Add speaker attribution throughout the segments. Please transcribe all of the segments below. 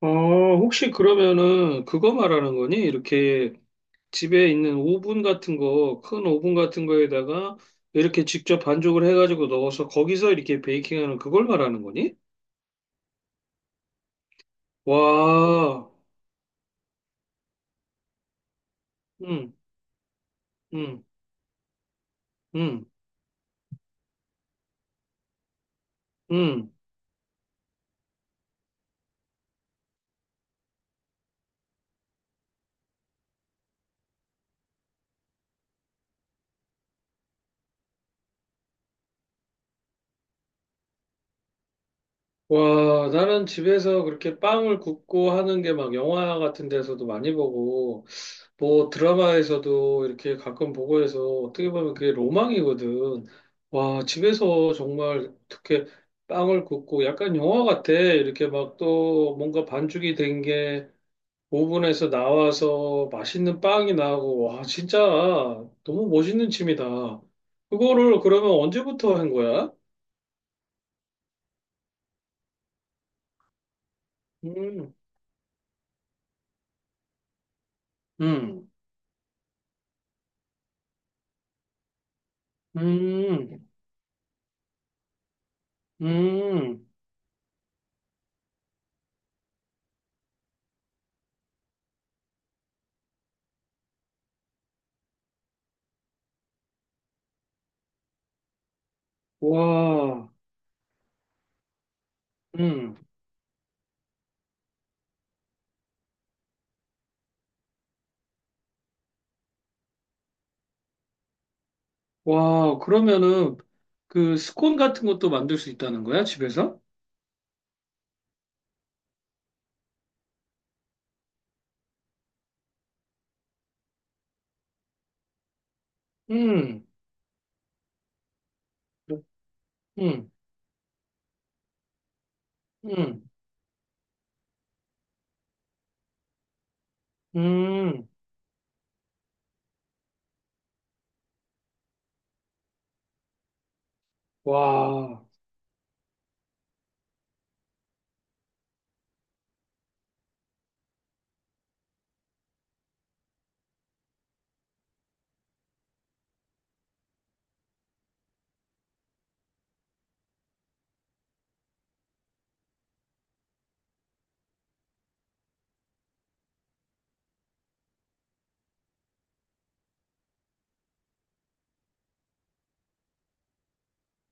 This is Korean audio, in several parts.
Speaker 1: 어, 혹시 그러면은 그거 말하는 거니? 이렇게 집에 있는 오븐 같은 거, 큰 오븐 같은 거에다가 이렇게 직접 반죽을 해가지고 넣어서 거기서 이렇게 베이킹하는 그걸 말하는 거니? 와, 음, 음, 음, 음. 와, 나는 집에서 그렇게 빵을 굽고 하는 게 막 영화 같은 데서도 많이 보고 뭐 드라마에서도 이렇게 가끔 보고 해서 어떻게 보면 그게 로망이거든. 와, 집에서 정말 어떻게 빵을 굽고 약간 영화 같아. 이렇게 막 또 뭔가 반죽이 된 게 오븐에서 나와서 맛있는 빵이 나오고 와, 진짜 너무 멋있는 취미다. 그거를 그러면 언제부터 한 거야? 음, 음, 음, 음, 와, 음. 와, 그러면은 그 스콘 같은 것도 만들 수 있다는 거야, 집에서? 음, 음, 음, 음. 와,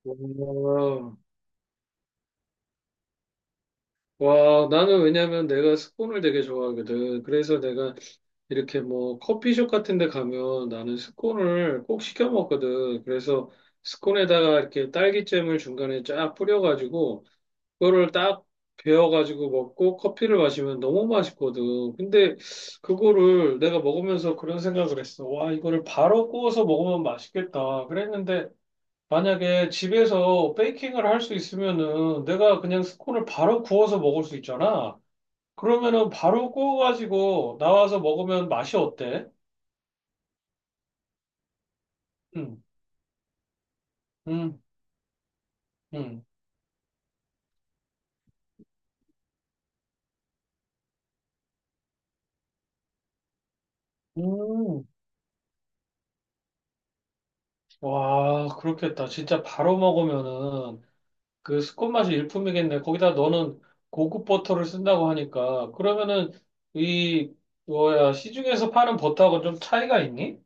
Speaker 1: 와, 와, 나는 왜냐면 내가 스콘을 되게 좋아하거든. 그래서 내가 이렇게 뭐 커피숍 같은 데 가면 나는 스콘을 꼭 시켜 먹거든. 그래서 스콘에다가 이렇게 딸기잼을 중간에 쫙 뿌려가지고 그거를 딱 베어가지고 먹고 커피를 마시면 너무 맛있거든. 근데 그거를 내가 먹으면서 그런 생각을 했어. 와, 이거를 바로 구워서 먹으면 맛있겠다. 그랬는데 만약에 집에서 베이킹을 할 수 있으면은 내가 그냥 스콘을 바로 구워서 먹을 수 있잖아. 그러면은 바로 구워가지고 나와서 먹으면 맛이 어때? 음, 음, 음. 음, 와, 그렇겠다. 진짜 바로 먹으면은. 그 스콘 맛이 일품이겠네. 거기다 너는 고급 버터를 쓴다고 하니까 그러면은 이 뭐야 시중에서 파는 버터하고 좀 차이가 있니?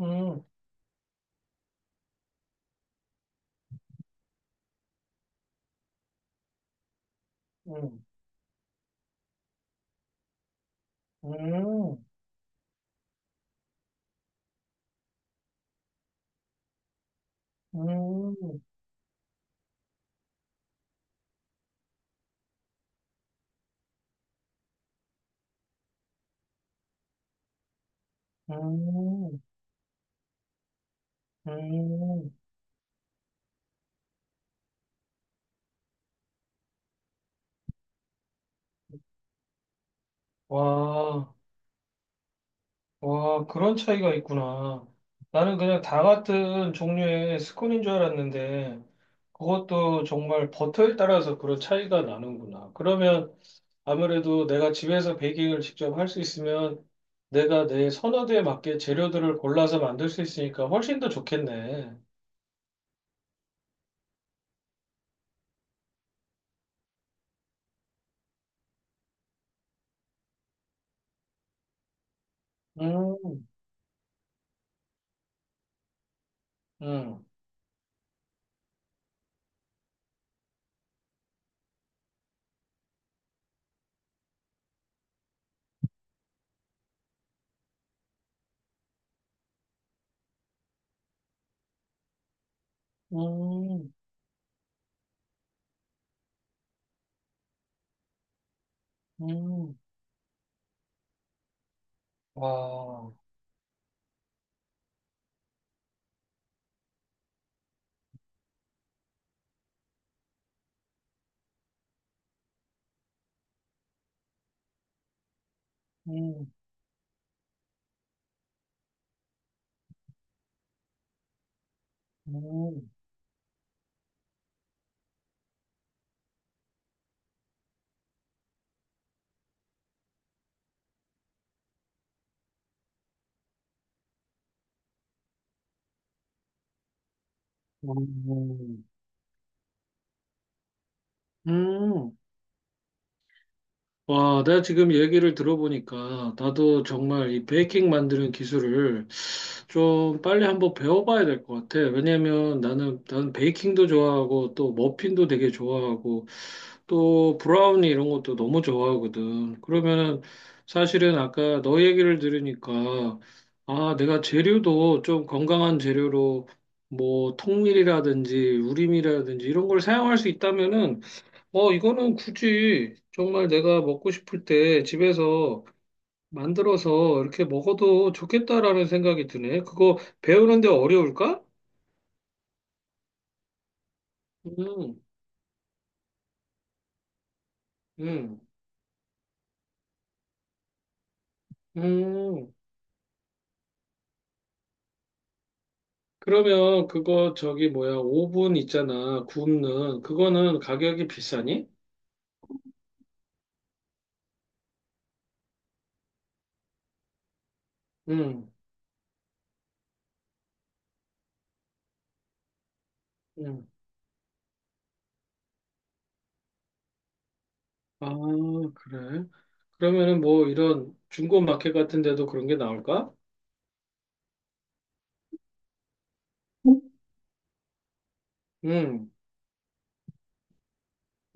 Speaker 1: 음, 음, 음, 음, 음, 음. 와, 와, 그런 차이가 있구나. 나는 그냥 다 같은 종류의 스콘인 줄 알았는데 그것도 정말 버터에 따라서 그런 차이가 나는구나. 그러면 아무래도 내가 집에서 베이킹을 직접 할 수 있으면 내가 내 선호도에 맞게 재료들을 골라서 만들 수 있으니까 훨씬 더 좋겠네. 음, 음, 음, 음, 와, 음, 음, 음, 음. 와, 내가 지금 얘기를 들어보니까 나도 정말 이 베이킹 만드는 기술을 좀 빨리 한번 배워봐야 될 것 같아. 왜냐면 나는 베이킹도 좋아하고 또 머핀도 되게 좋아하고 또 브라우니 이런 것도 너무 좋아하거든. 그러면 사실은 아까 너 얘기를 들으니까 아, 내가 재료도 좀 건강한 재료로 뭐 통밀이라든지 우림이라든지 이런 걸 사용할 수 있다면은 어, 이거는 굳이 정말 내가 먹고 싶을 때 집에서 만들어서 이렇게 먹어도 좋겠다라는 생각이 드네. 그거 배우는데 어려울까? 음, 음, 음. 그러면 그거 저기 뭐야, 오븐 있잖아, 굽는. 그거는 가격이 비싸니? 음, 음. 아, 그래. 그러면은 뭐 이런 중고 마켓 같은 데도 그런 게 나올까? 음,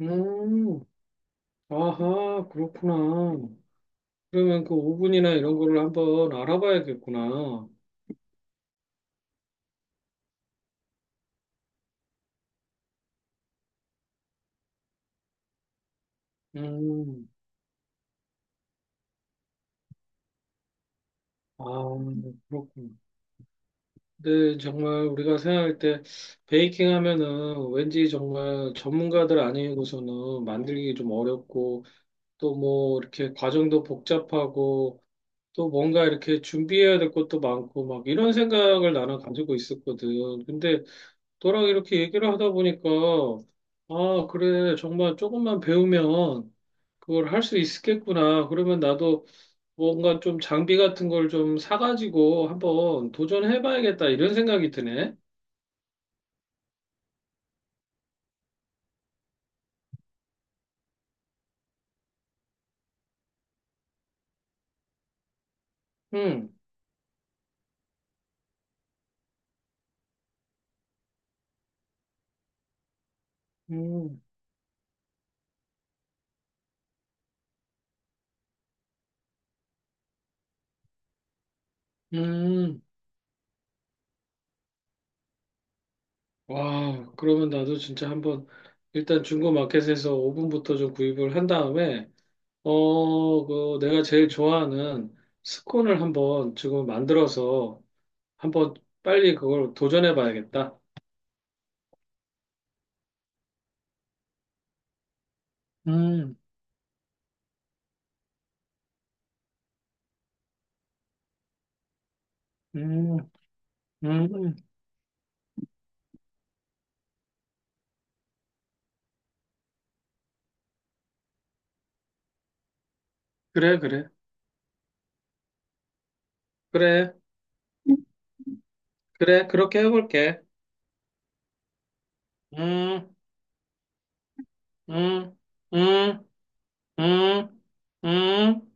Speaker 1: 음. 아하, 그렇구나. 그러면 그 오븐이나 이런 거를 한번 알아봐야겠구나. 음, 아, 그렇군. 근데 정말 우리가 생각할 때 베이킹 하면은 왠지 정말 전문가들 아니고서는 만들기 좀 어렵고 또 뭐 이렇게 과정도 복잡하고 또 뭔가 이렇게 준비해야 될 것도 많고 막 이런 생각을 나는 가지고 있었거든. 근데 너랑 이렇게 얘기를 하다 보니까 아, 그래. 정말 조금만 배우면 그걸 할 수 있겠구나. 그러면 나도 뭔가 좀 장비 같은 걸 좀 사가지고 한번 도전해봐야겠다. 이런 생각이 드네. 음, 음, 음. 와, 그러면 나도 진짜 한번 일단 중고마켓에서 오븐부터 좀 구입을 한 다음에, 어, 그 내가 제일 좋아하는 스콘을 한번 지금 만들어서 한번 빨리 그걸 도전해봐야겠다. 음, 음, 음. 그래, 그래. 그래, 그래. 그렇게 해볼게. 음, 음, 음, 음, 음. 음.